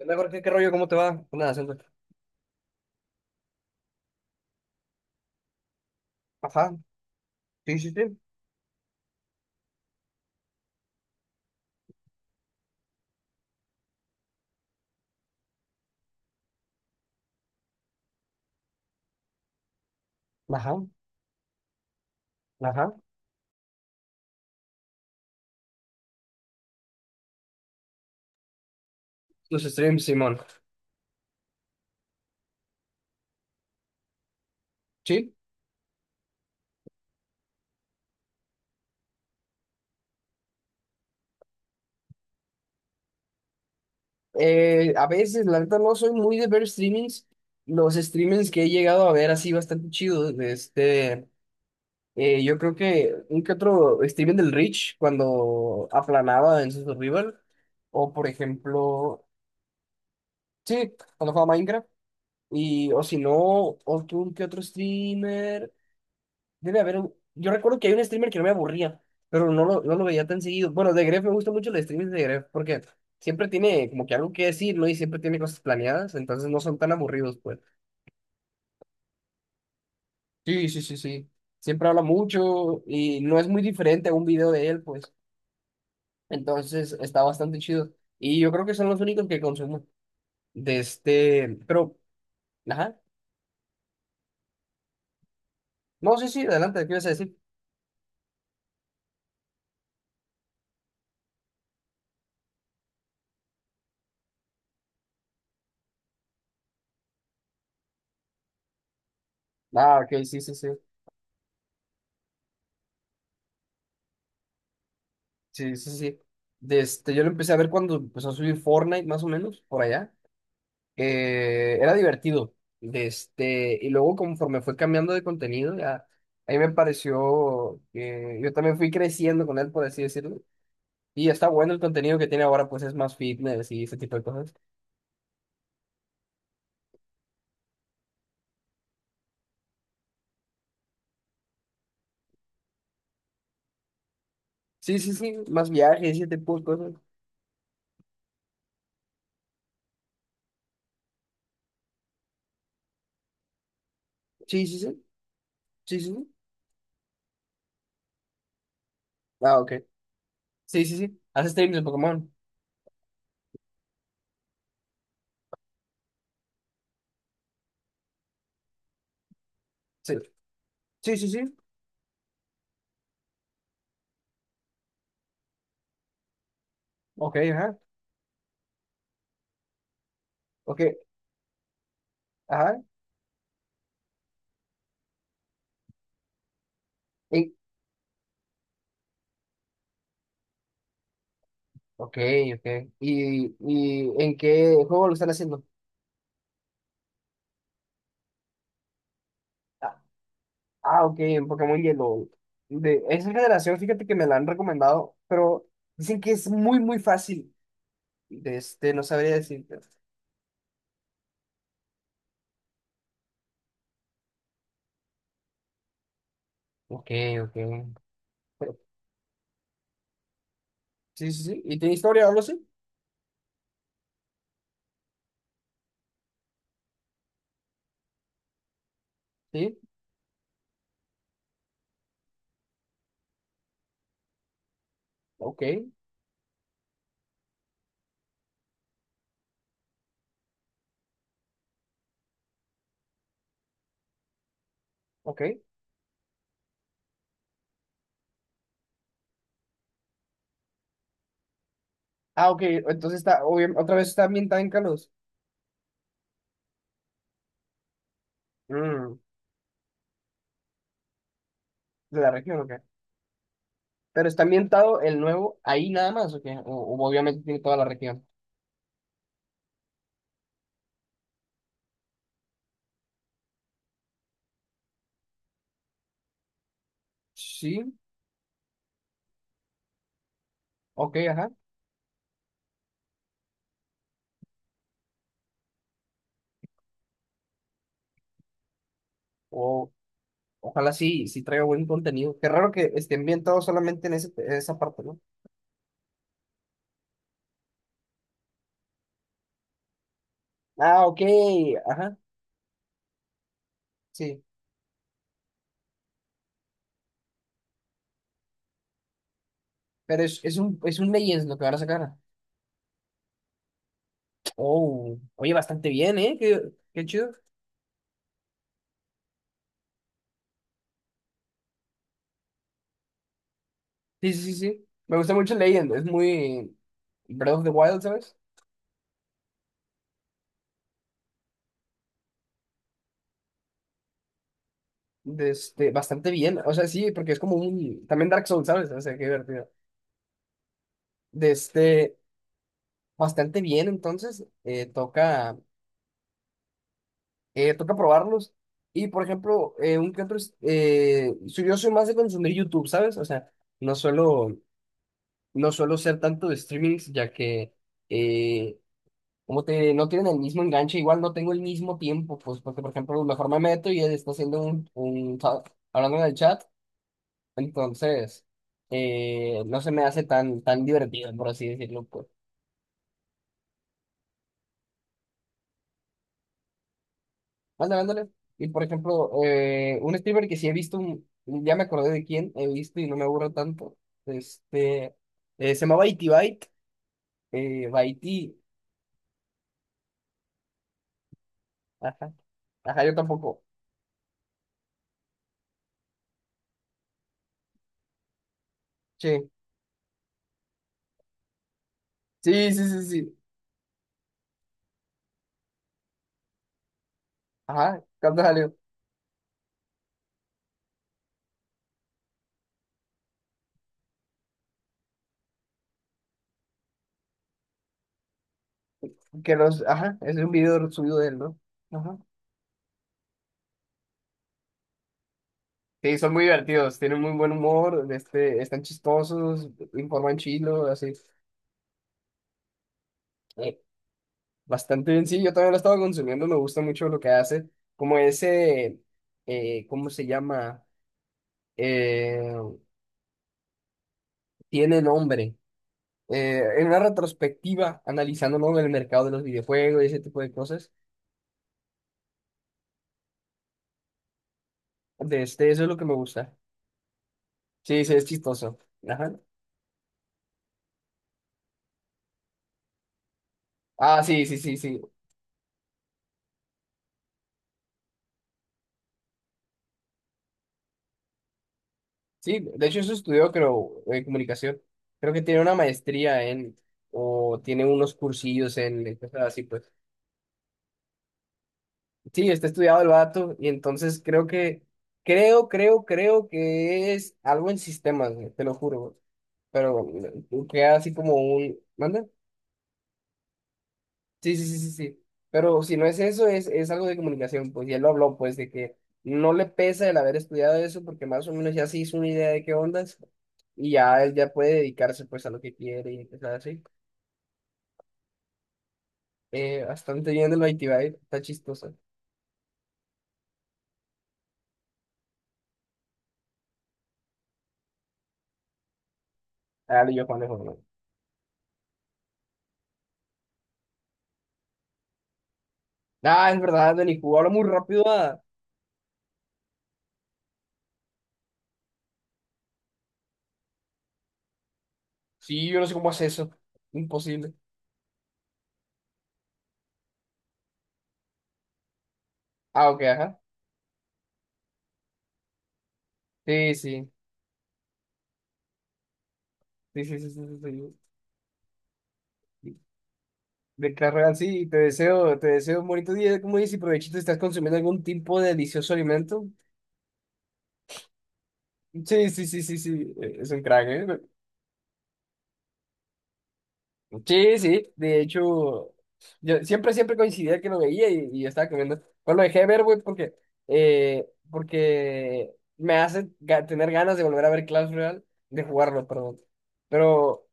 Hola, Jorge, ¿qué rollo? ¿Cómo te va? Nada, siento- Ajá, sí, sí, sí. Ajá, ajá. Los streams, Simón. Sí, a veces, la neta, no soy muy de ver streamings. Los streamings que he llegado a ver así bastante chidos, yo creo que un que otro streaming del Rich cuando aplanaba en su Survival, o por ejemplo, sí, cuando jugaba Minecraft, y o si no, otro un que otro streamer. Debe haber un Yo recuerdo que hay un streamer que no me aburría, pero no lo veía tan seguido. Bueno, de Gref me gustan mucho los streamers de Gref porque siempre tiene como que algo que decir, ¿no? Y siempre tiene cosas planeadas, entonces no son tan aburridos, pues. Sí, sí, sí, sí. Siempre habla mucho y no es muy diferente a un video de él, pues. Entonces está bastante chido. Y yo creo que son los únicos que consumo de este... Pero, ajá. No, sí, sí, adelante, ¿qué ibas a decir? Ah, ok, sí, sí, sí. Sí, sí, sí. De este, yo lo empecé a ver cuando empezó a subir Fortnite, más o menos, por allá. Era divertido. De este, y luego conforme fue cambiando de contenido, ya, a mí me pareció que yo también fui creciendo con él, por así decirlo. Y está bueno el contenido que tiene ahora, pues es más fitness y ese tipo de cosas. Sí, sí, sí, más viajes y ese tipo de cosas. Sí, sí, sí, sí, sí, sí. Ah, ok. Sí, sí, sí. Hace streams de Pokémon. Sí, sí, sí, sí. Ok, ajá. Ok, ajá. Y- ok, ok. Y en qué juego lo están haciendo? Ah, ok, en Pokémon Yellow. De esa generación, fíjate que me la han recomendado, pero dicen que es muy, muy fácil. De este, no sabría decirte. Ok, ok. Pero, sí, sí, sí. ¿Y tiene historia o algo así? Sí. Ok, ok. Ah, ok. Entonces está, otra vez está ambientada en Kalos. Mm, de la región, ok. Pero está ambientado el nuevo ahí nada más, ok. O obviamente tiene toda la región. Sí, ok, ajá. Ojalá sí, sí traiga buen contenido. Qué raro que esté ambientado solamente en, en esa parte, ¿no? Ah, ok. Ajá, sí. Pero es un Legends lo que van a sacar. Oh, oye, bastante bien, ¿eh? Qué, qué chido. Sí, sí, sí, sí. Me gusta mucho Legends. Es muy Breath of the Wild, ¿sabes? De este, bastante bien. O sea, sí, porque es como un... También Dark Souls, ¿sabes? O sea, qué divertido. De este, bastante bien, entonces. Toca... Toca probarlos. Y por ejemplo, un que otro, yo soy más de consumir YouTube, ¿sabes? O sea, no suelo, no suelo ser tanto de streamings, ya que eh, como te, no tienen el mismo enganche, igual no tengo el mismo tiempo, pues porque por ejemplo, mejor me meto y él está haciendo hablando en el chat, entonces no se me hace tan, tan divertido, por así decirlo, pues. Ándale, ándale. Y por ejemplo, un streamer que sí he visto, ya me acordé de quién he visto y no me aburro tanto. Este, Se llama Baiti Byte. Baiti. Ajá. Ajá, yo tampoco. Sí. Sí, sí, sí, sí. Ajá, cuando salió. Que los, ajá, es un video subido de él, ¿no? Ajá. Sí, son muy divertidos, tienen muy buen humor, este, están chistosos, informan chilo, así. Bastante bien, sí, yo también lo estaba consumiendo, me gusta mucho lo que hace, como ese, ¿cómo se llama? Eh, Tiene nombre. En una retrospectiva, analizando ¿no? el mercado de los videojuegos y ese tipo de cosas, de este, eso es lo que me gusta. Sí, sí, es chistoso. Ajá. Ah, sí, sí, sí, sí. Sí, de hecho eso estudió, creo, comunicación. Creo que tiene una maestría en, o tiene unos cursillos en, cosas así, pues. Sí, está estudiado el vato y entonces creo que, creo que es algo en sistemas, güey, te lo juro, güey. Pero queda así como un... ¿Manda? Sí, sí, sí, sí, sí. Pero si no es eso, es algo de comunicación, pues, y él lo habló, pues, de que no le pesa el haber estudiado eso porque más o menos ya se hizo una idea de qué ondas y ya él ya puede dedicarse, pues, a lo que quiere y empezar así. Bastante bien de lo de Itibai, está chistoso. Ah, yo, Juan de Forma. Ah, es verdad, Dani, jugó, habla muy rápido, ah. Sí, yo no sé cómo hace eso. Imposible. Ah, ok, ajá. Sí, sí. Sí, sí, sí, sí, sí, sí. De Clash Royale, sí, te deseo un bonito día. ¿Como dices? Y provechito, estás consumiendo algún tipo de delicioso alimento. Sí, sí, sí, sí, sí. Es un crack, ¿eh? Sí, sí. De hecho, yo siempre, siempre coincidía que lo veía y estaba comiendo. Pues lo dejé de ver, güey, porque, porque me hace tener ganas de volver a ver Clash Royale, de jugarlo, perdón. Pero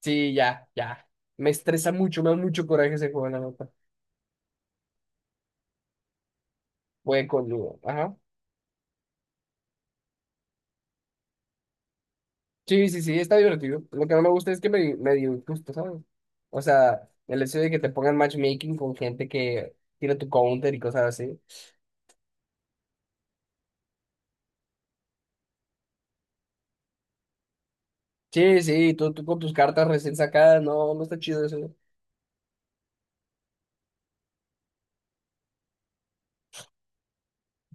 sí, ya, ya. Me estresa mucho, me da mucho coraje ese juego, la nota. Buen coludo. Ajá. Sí, sí, sí, está divertido. Lo que no me gusta es que me dio injusto, ¿sabes? O sea, el hecho de que te pongan matchmaking con gente que tiene tu counter y cosas así. Sí, sí, tú con tus cartas recién sacadas, no, no está chido eso.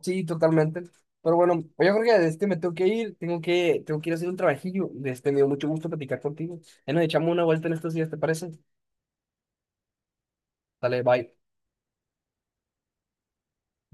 Sí, totalmente. Pero bueno, oye, Jorge, este me tengo que ir, tengo que ir a hacer un trabajillo. Este, me dio mucho gusto platicar contigo. Ahí nos echamos una vuelta en estos días, ¿te parece? Dale, bye.